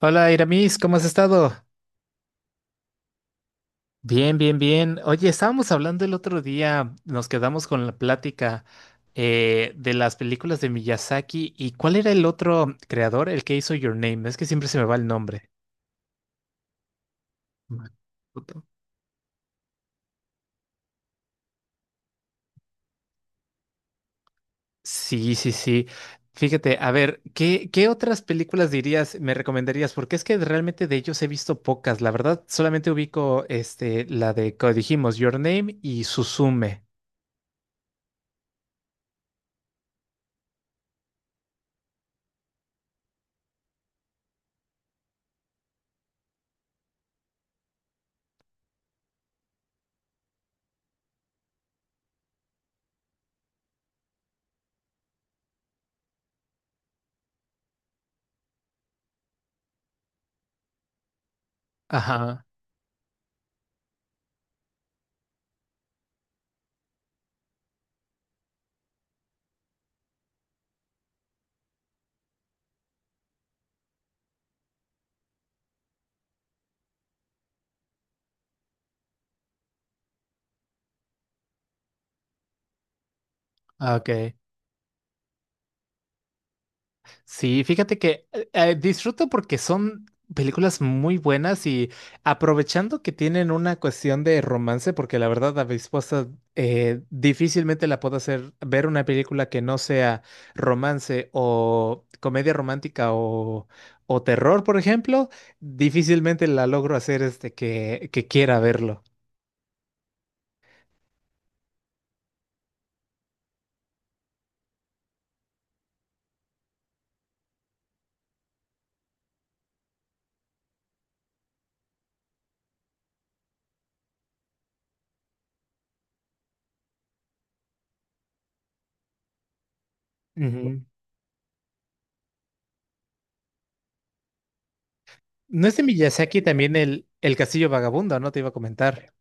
Hola, Iramis, ¿cómo has estado? Bien, bien, bien. Oye, estábamos hablando el otro día, nos quedamos con la plática de las películas de Miyazaki y ¿cuál era el otro creador, el que hizo Your Name? Es que siempre se me va el nombre. Makoto. Sí, sí, sí. Fíjate, a ver, ¿qué otras películas dirías, me recomendarías? Porque es que realmente de ellos he visto pocas. La verdad, solamente ubico este, la de, como dijimos, Your Name y Suzume. Ajá. Ah, ok. Sí, fíjate que disfruto porque son películas muy buenas y aprovechando que tienen una cuestión de romance, porque la verdad a mi esposa difícilmente la puedo hacer ver una película que no sea romance o comedia romántica o terror, por ejemplo, difícilmente la logro hacer este que quiera verlo. Ujú. ¿No es de Miyazaki también el Castillo Vagabundo, no? Te iba a comentar.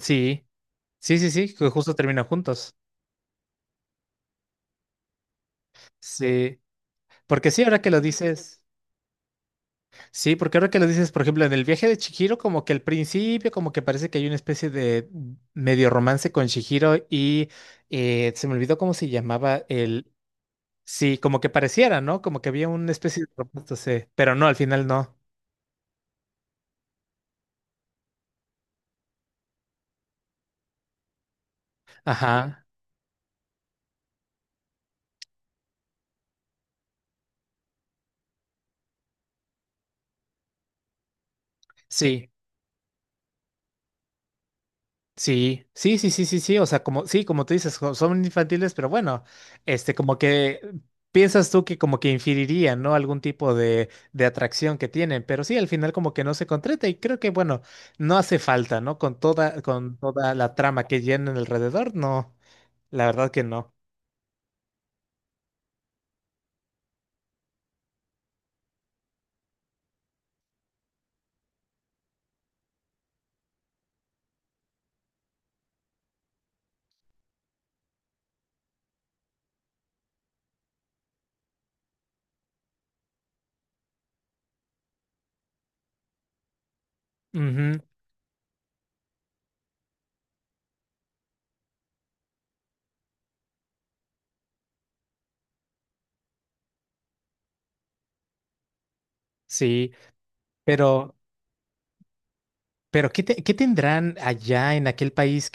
Sí, sí, sí, sí, que justo terminan juntos. Sí, porque sí, ahora que lo dices, sí, porque ahora que lo dices, por ejemplo, en el viaje de Chihiro, como que al principio, como que parece que hay una especie de medio romance con Chihiro y se me olvidó cómo se llamaba el, sí, como que pareciera, ¿no? Como que había una especie de romance, sí, pero no, al final no. Ajá, sí. Sí, sí, sí, sí, sí, sí, o sea, como, sí, como tú dices, son infantiles, pero bueno, este, como que piensas tú que como que inferirían, ¿no? Algún tipo de atracción que tienen, pero sí, al final como que no se concreta y creo que, bueno, no hace falta, ¿no? Con toda la trama que llenan alrededor, no, la verdad que no. Ujú, sí, pero, pero ¿qué tendrán allá en aquel país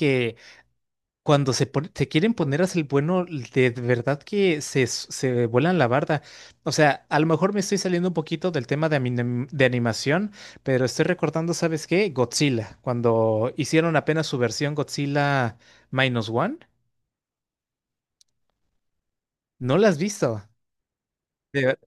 cuando se, se quieren poner a ser el bueno, de verdad que se, se vuelan la barda. O sea, a lo mejor me estoy saliendo un poquito del tema de, de animación, pero estoy recordando, ¿sabes qué? Godzilla, cuando hicieron apenas su versión Godzilla Minus One, ¿no la has visto? De ver-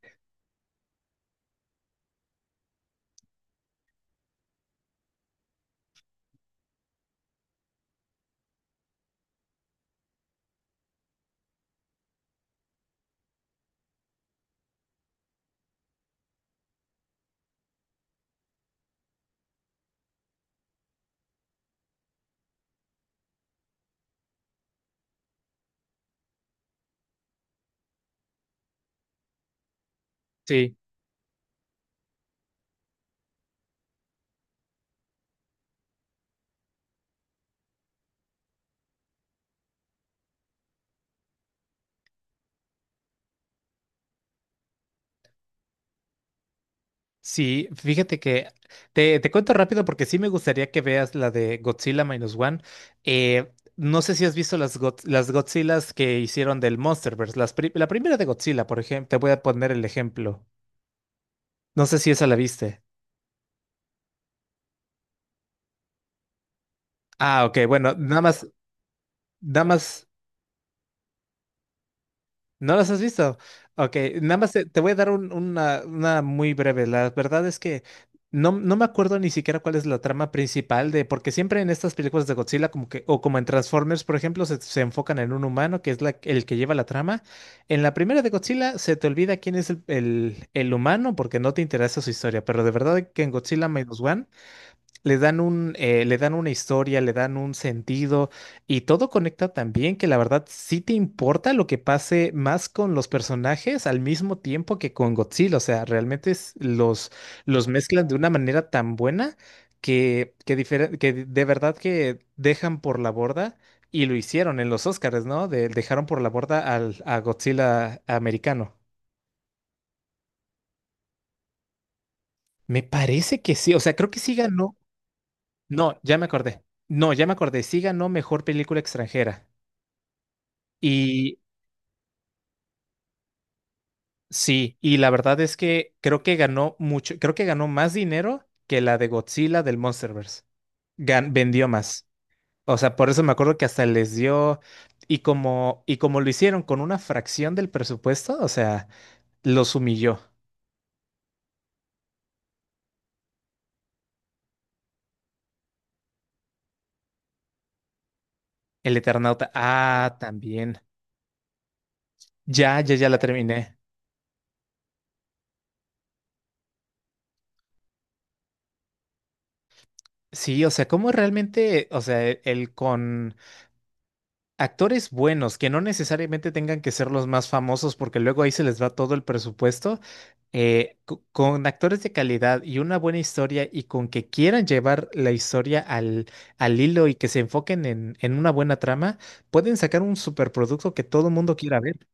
Sí. Sí, fíjate que te cuento rápido porque sí me gustaría que veas la de Godzilla Minus One. No sé si has visto las, las Godzillas que hicieron del Monsterverse. La primera de Godzilla, por ejemplo, te voy a poner el ejemplo. No sé si esa la viste. Ah, ok, bueno, nada más, nada más. ¿No las has visto? Ok, nada más te, te voy a dar una muy breve. La verdad es que no, no me acuerdo ni siquiera cuál es la trama principal de, porque siempre en estas películas de Godzilla, como que, o como en Transformers, por ejemplo, se enfocan en un humano que es el que lleva la trama. En la primera de Godzilla se te olvida quién es el, el humano porque no te interesa su historia, pero de verdad que en Godzilla Minus One. Le dan un, le dan una historia, le dan un sentido y todo conecta también que la verdad sí te importa lo que pase más con los personajes al mismo tiempo que con Godzilla. O sea, los mezclan de una manera tan buena que de verdad que dejan por la borda y lo hicieron en los Oscars, ¿no? Dejaron por la borda al, a Godzilla americano. Me parece que sí, o sea, creo que sí ganó. No, ya me acordé. No, ya me acordé. Sí ganó mejor película extranjera. Y sí, y la verdad es que creo que ganó mucho, creo que ganó más dinero que la de Godzilla del Monsterverse. Vendió más. O sea, por eso me acuerdo que hasta les dio y como lo hicieron con una fracción del presupuesto, o sea, los humilló. El Eternauta, ah, también. Ya, ya, ya la terminé. Sí, o sea, cómo realmente, o sea, el con actores buenos, que no necesariamente tengan que ser los más famosos, porque luego ahí se les va todo el presupuesto, con actores de calidad y una buena historia y con que quieran llevar la historia al, al hilo y que se enfoquen en una buena trama, pueden sacar un superproducto que todo el mundo quiera ver.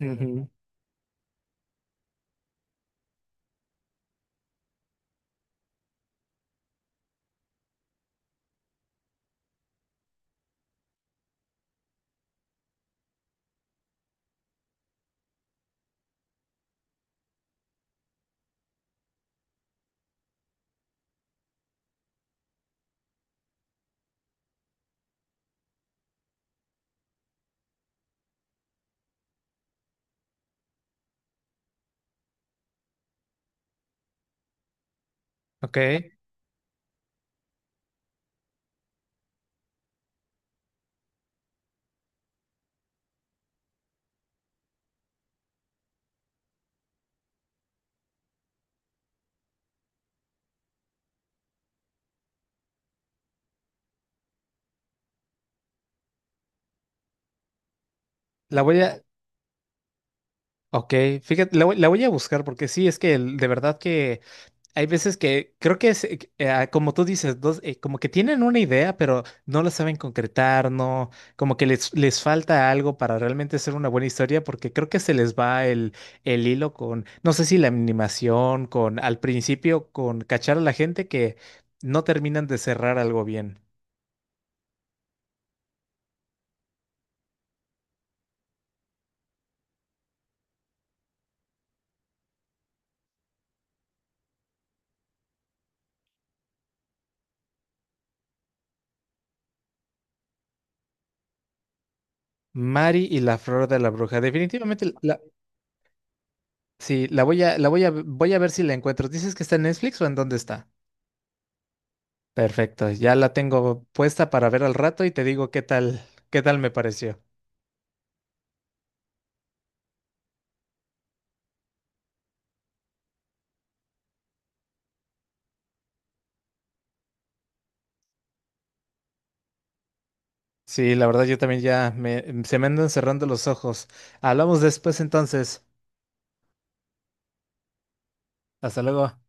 Ujú. Ok, la voy a, ok, fíjate, la voy a buscar porque sí, es que de verdad que hay veces que creo que es, como tú dices, dos, como que tienen una idea, pero no la saben concretar, no, como que les falta algo para realmente ser una buena historia, porque creo que se les va el hilo con, no sé si la animación, con al principio, con cachar a la gente que no terminan de cerrar algo bien. Mari y la flor de la bruja. Definitivamente la, sí, la voy a, voy a ver si la encuentro. ¿Dices que está en Netflix o en dónde está? Perfecto, ya la tengo puesta para ver al rato y te digo qué tal me pareció. Sí, la verdad yo también ya me, se me andan cerrando los ojos. Hablamos después entonces. Hasta luego.